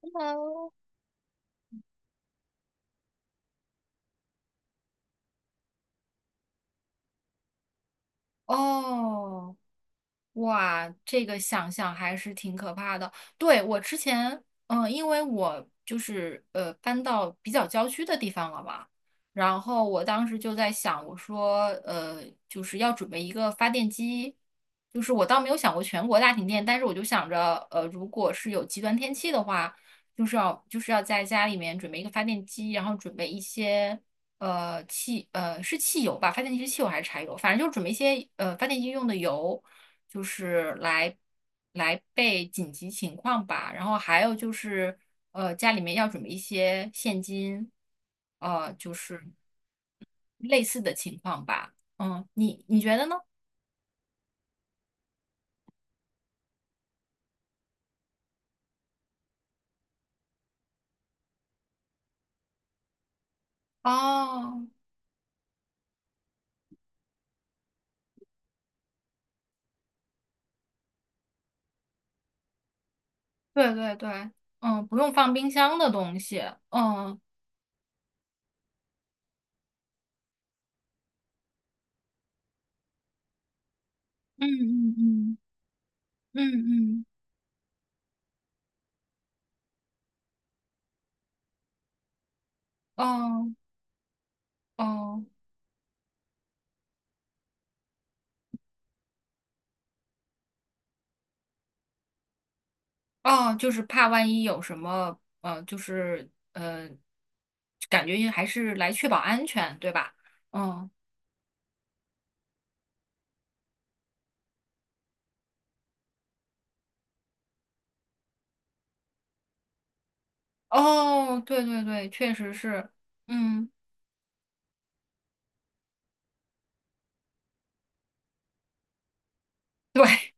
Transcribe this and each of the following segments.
你好。哦，哇，这个想想还是挺可怕的。对，我之前，因为我就是搬到比较郊区的地方了嘛，然后我当时就在想，我说就是要准备一个发电机。就是我倒没有想过全国大停电，但是我就想着，如果是有极端天气的话，就是要在家里面准备一个发电机，然后准备一些。汽油吧？发电机是汽油还是柴油？反正就是准备一些发电机用的油，就是来备紧急情况吧。然后还有就是，呃，家里面要准备一些现金，呃，就是类似的情况吧。嗯，你觉得呢？哦，对对对。嗯，不用放冰箱的东西。嗯嗯嗯嗯嗯嗯，哦哦哦，就是怕万一有什么，感觉还是来确保安全，对吧？嗯。哦，对对对，确实是。嗯，对。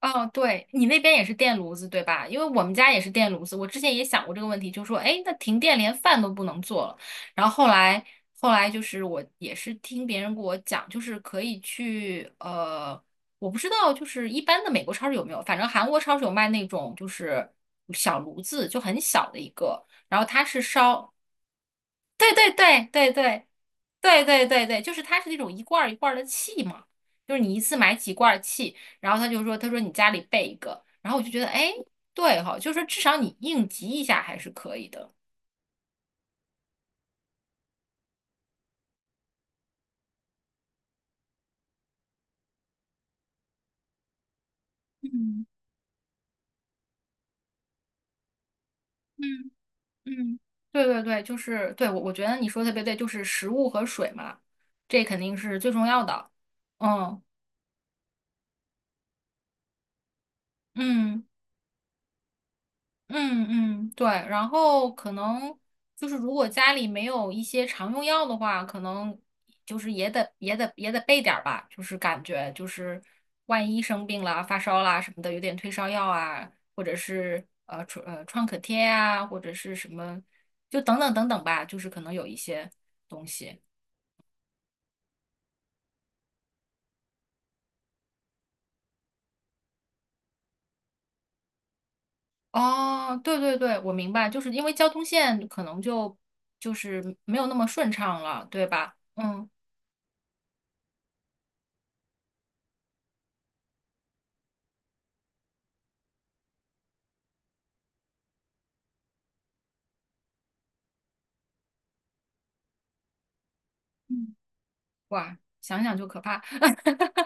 哦，对，你那边也是电炉子对吧？因为我们家也是电炉子，我之前也想过这个问题，就说，哎，那停电连饭都不能做了。然后后来，后来就是我也是听别人给我讲，就是可以去，呃，我不知道，就是一般的美国超市有没有，反正韩国超市有卖那种就是小炉子，就很小的一个，然后它是烧，对对对对对。对对对对，就是它是那种一罐儿一罐儿的气嘛，就是你一次买几罐儿气，然后他就说，他说你家里备一个，然后我就觉得，哎，对哈、就是说至少你应急一下还是可以的。嗯嗯嗯，对对对，就是对我觉得你说的特别对，就是食物和水嘛，这肯定是最重要的。嗯嗯。嗯嗯，对，然后可能就是如果家里没有一些常用药的话，可能就是也得备点儿吧，就是感觉就是万一生病了、发烧啦什么的，有点退烧药啊，或者是创可贴啊，或者是什么，就等等等等吧，就是可能有一些东西。哦，对对对，我明白，就是因为交通线可能就是没有那么顺畅了，对吧？嗯。嗯，哇，想想就可怕。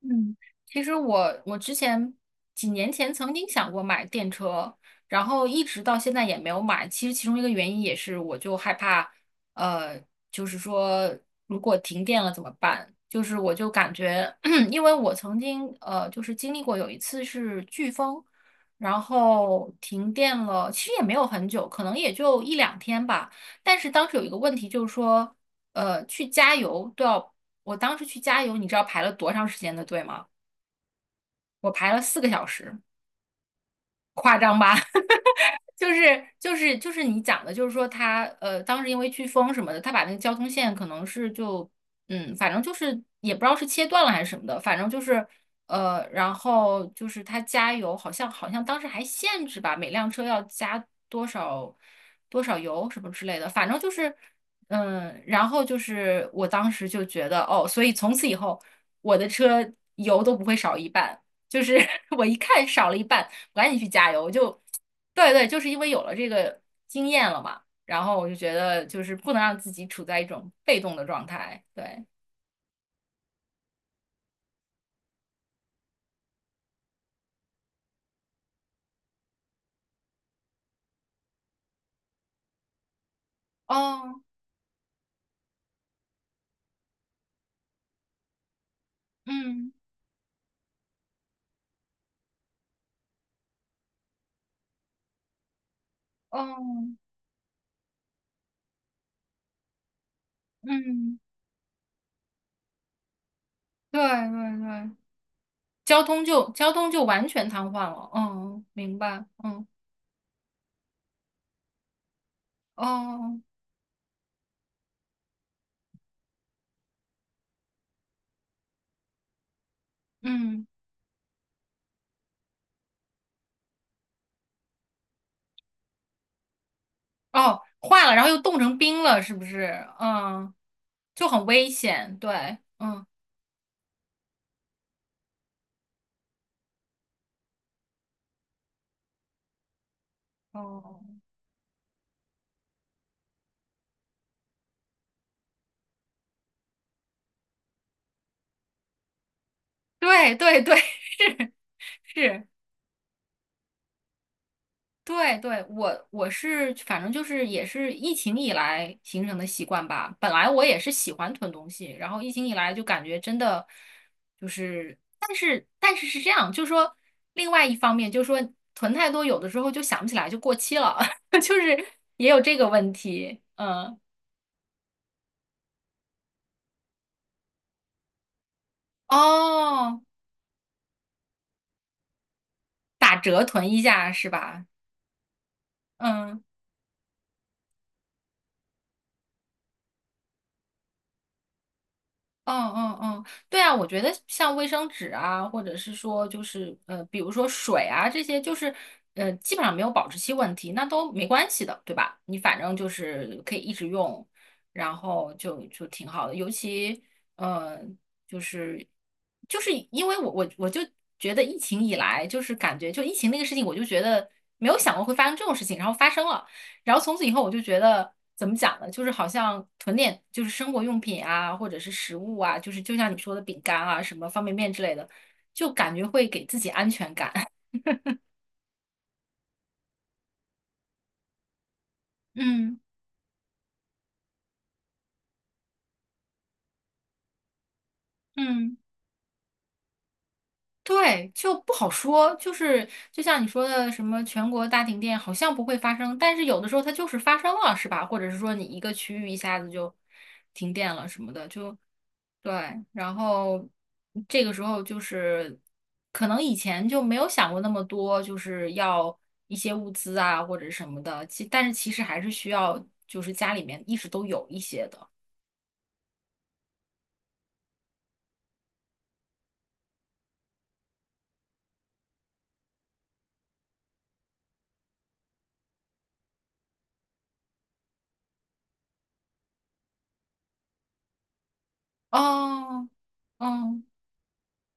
嗯，其实我之前几年前曾经想过买电车，然后一直到现在也没有买。其实其中一个原因也是，我就害怕，呃，就是说如果停电了怎么办？就是我就感觉，因为我曾经就是经历过有一次是飓风，然后停电了，其实也没有很久，可能也就一两天吧。但是当时有一个问题就是说，呃，去加油都要我当时去加油，你知道排了多长时间的队吗？我排了四个小时，夸张吧？就是你讲的，就是说他当时因为飓风什么的，他把那个交通线可能是就嗯，反正就是也不知道是切断了还是什么的，反正就是然后就是他加油，好像当时还限制吧，每辆车要加多少多少油什么之类的，反正就是嗯，然后就是我当时就觉得哦，所以从此以后我的车油都不会少一半，就是 我一看少了一半。赶紧去加油。就，对对，就是因为有了这个经验了嘛，然后我就觉得就是不能让自己处在一种被动的状态。对。哦。嗯。哦。嗯，对对对，交通就完全瘫痪了。嗯，明白。嗯。哦。嗯。哦，化了，然后又冻成冰了，是不是？嗯，就很危险。对，嗯。哦。对对对。是。对对，我我是反正就是也是疫情以来形成的习惯吧。本来我也是喜欢囤东西，然后疫情以来就感觉真的就是，但是是这样，就是说另外一方面就是说囤太多，有的时候就想不起来就过期了，就是也有这个问题。嗯。哦，打折囤一下是吧？嗯。嗯嗯嗯，对啊，我觉得像卫生纸啊，或者是说就是比如说水啊这些，就是基本上没有保质期问题，那都没关系的，对吧？你反正就是可以一直用，然后就挺好的。尤其呃，就是就是因为我就觉得疫情以来，就是感觉就疫情那个事情，我就觉得没有想过会发生这种事情，然后发生了。然后从此以后，我就觉得怎么讲呢？就是好像囤点就是生活用品啊，或者是食物啊，就是就像你说的饼干啊、什么方便面之类的，就感觉会给自己安全感。嗯嗯。对，就不好说，就是就像你说的，什么全国大停电好像不会发生，但是有的时候它就是发生了，是吧？或者是说你一个区域一下子就停电了什么的，就对。然后这个时候就是可能以前就没有想过那么多，就是要一些物资啊或者什么的，其但是其实还是需要就是家里面一直都有一些的。哦。哦。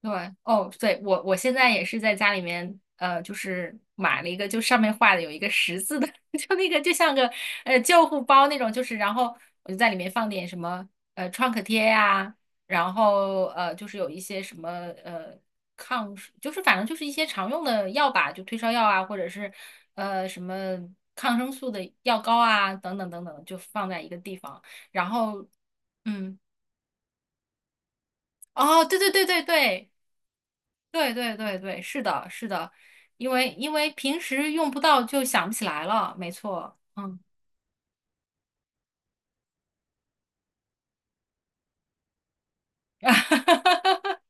对。哦，对，我我现在也是在家里面，就是买了一个，就上面画的有一个十字的，就那个就像个救护包那种，就是然后我就在里面放点什么创可贴呀、然后就是有一些什么呃抗，就是反正就是一些常用的药吧，就退烧药啊，或者是什么抗生素的药膏啊，等等等等，就放在一个地方，然后嗯。哦，对对对对对。对对对对，是的，是的，因为因为平时用不到就想不起来了，没错，嗯。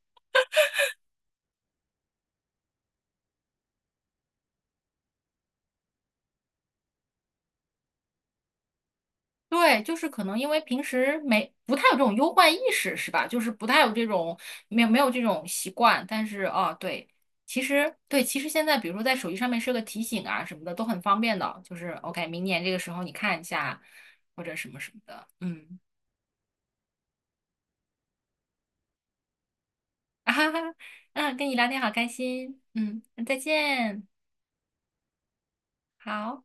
对，就是可能因为平时没不太有这种忧患意识，是吧？就是不太有这种没有没有这种习惯，但是哦，对，其实对，其实现在比如说在手机上面设个提醒啊什么的都很方便的，就是 OK,明年这个时候你看一下或者什么什么的，嗯。啊哈哈，嗯，跟你聊天好开心，嗯，那再见。好。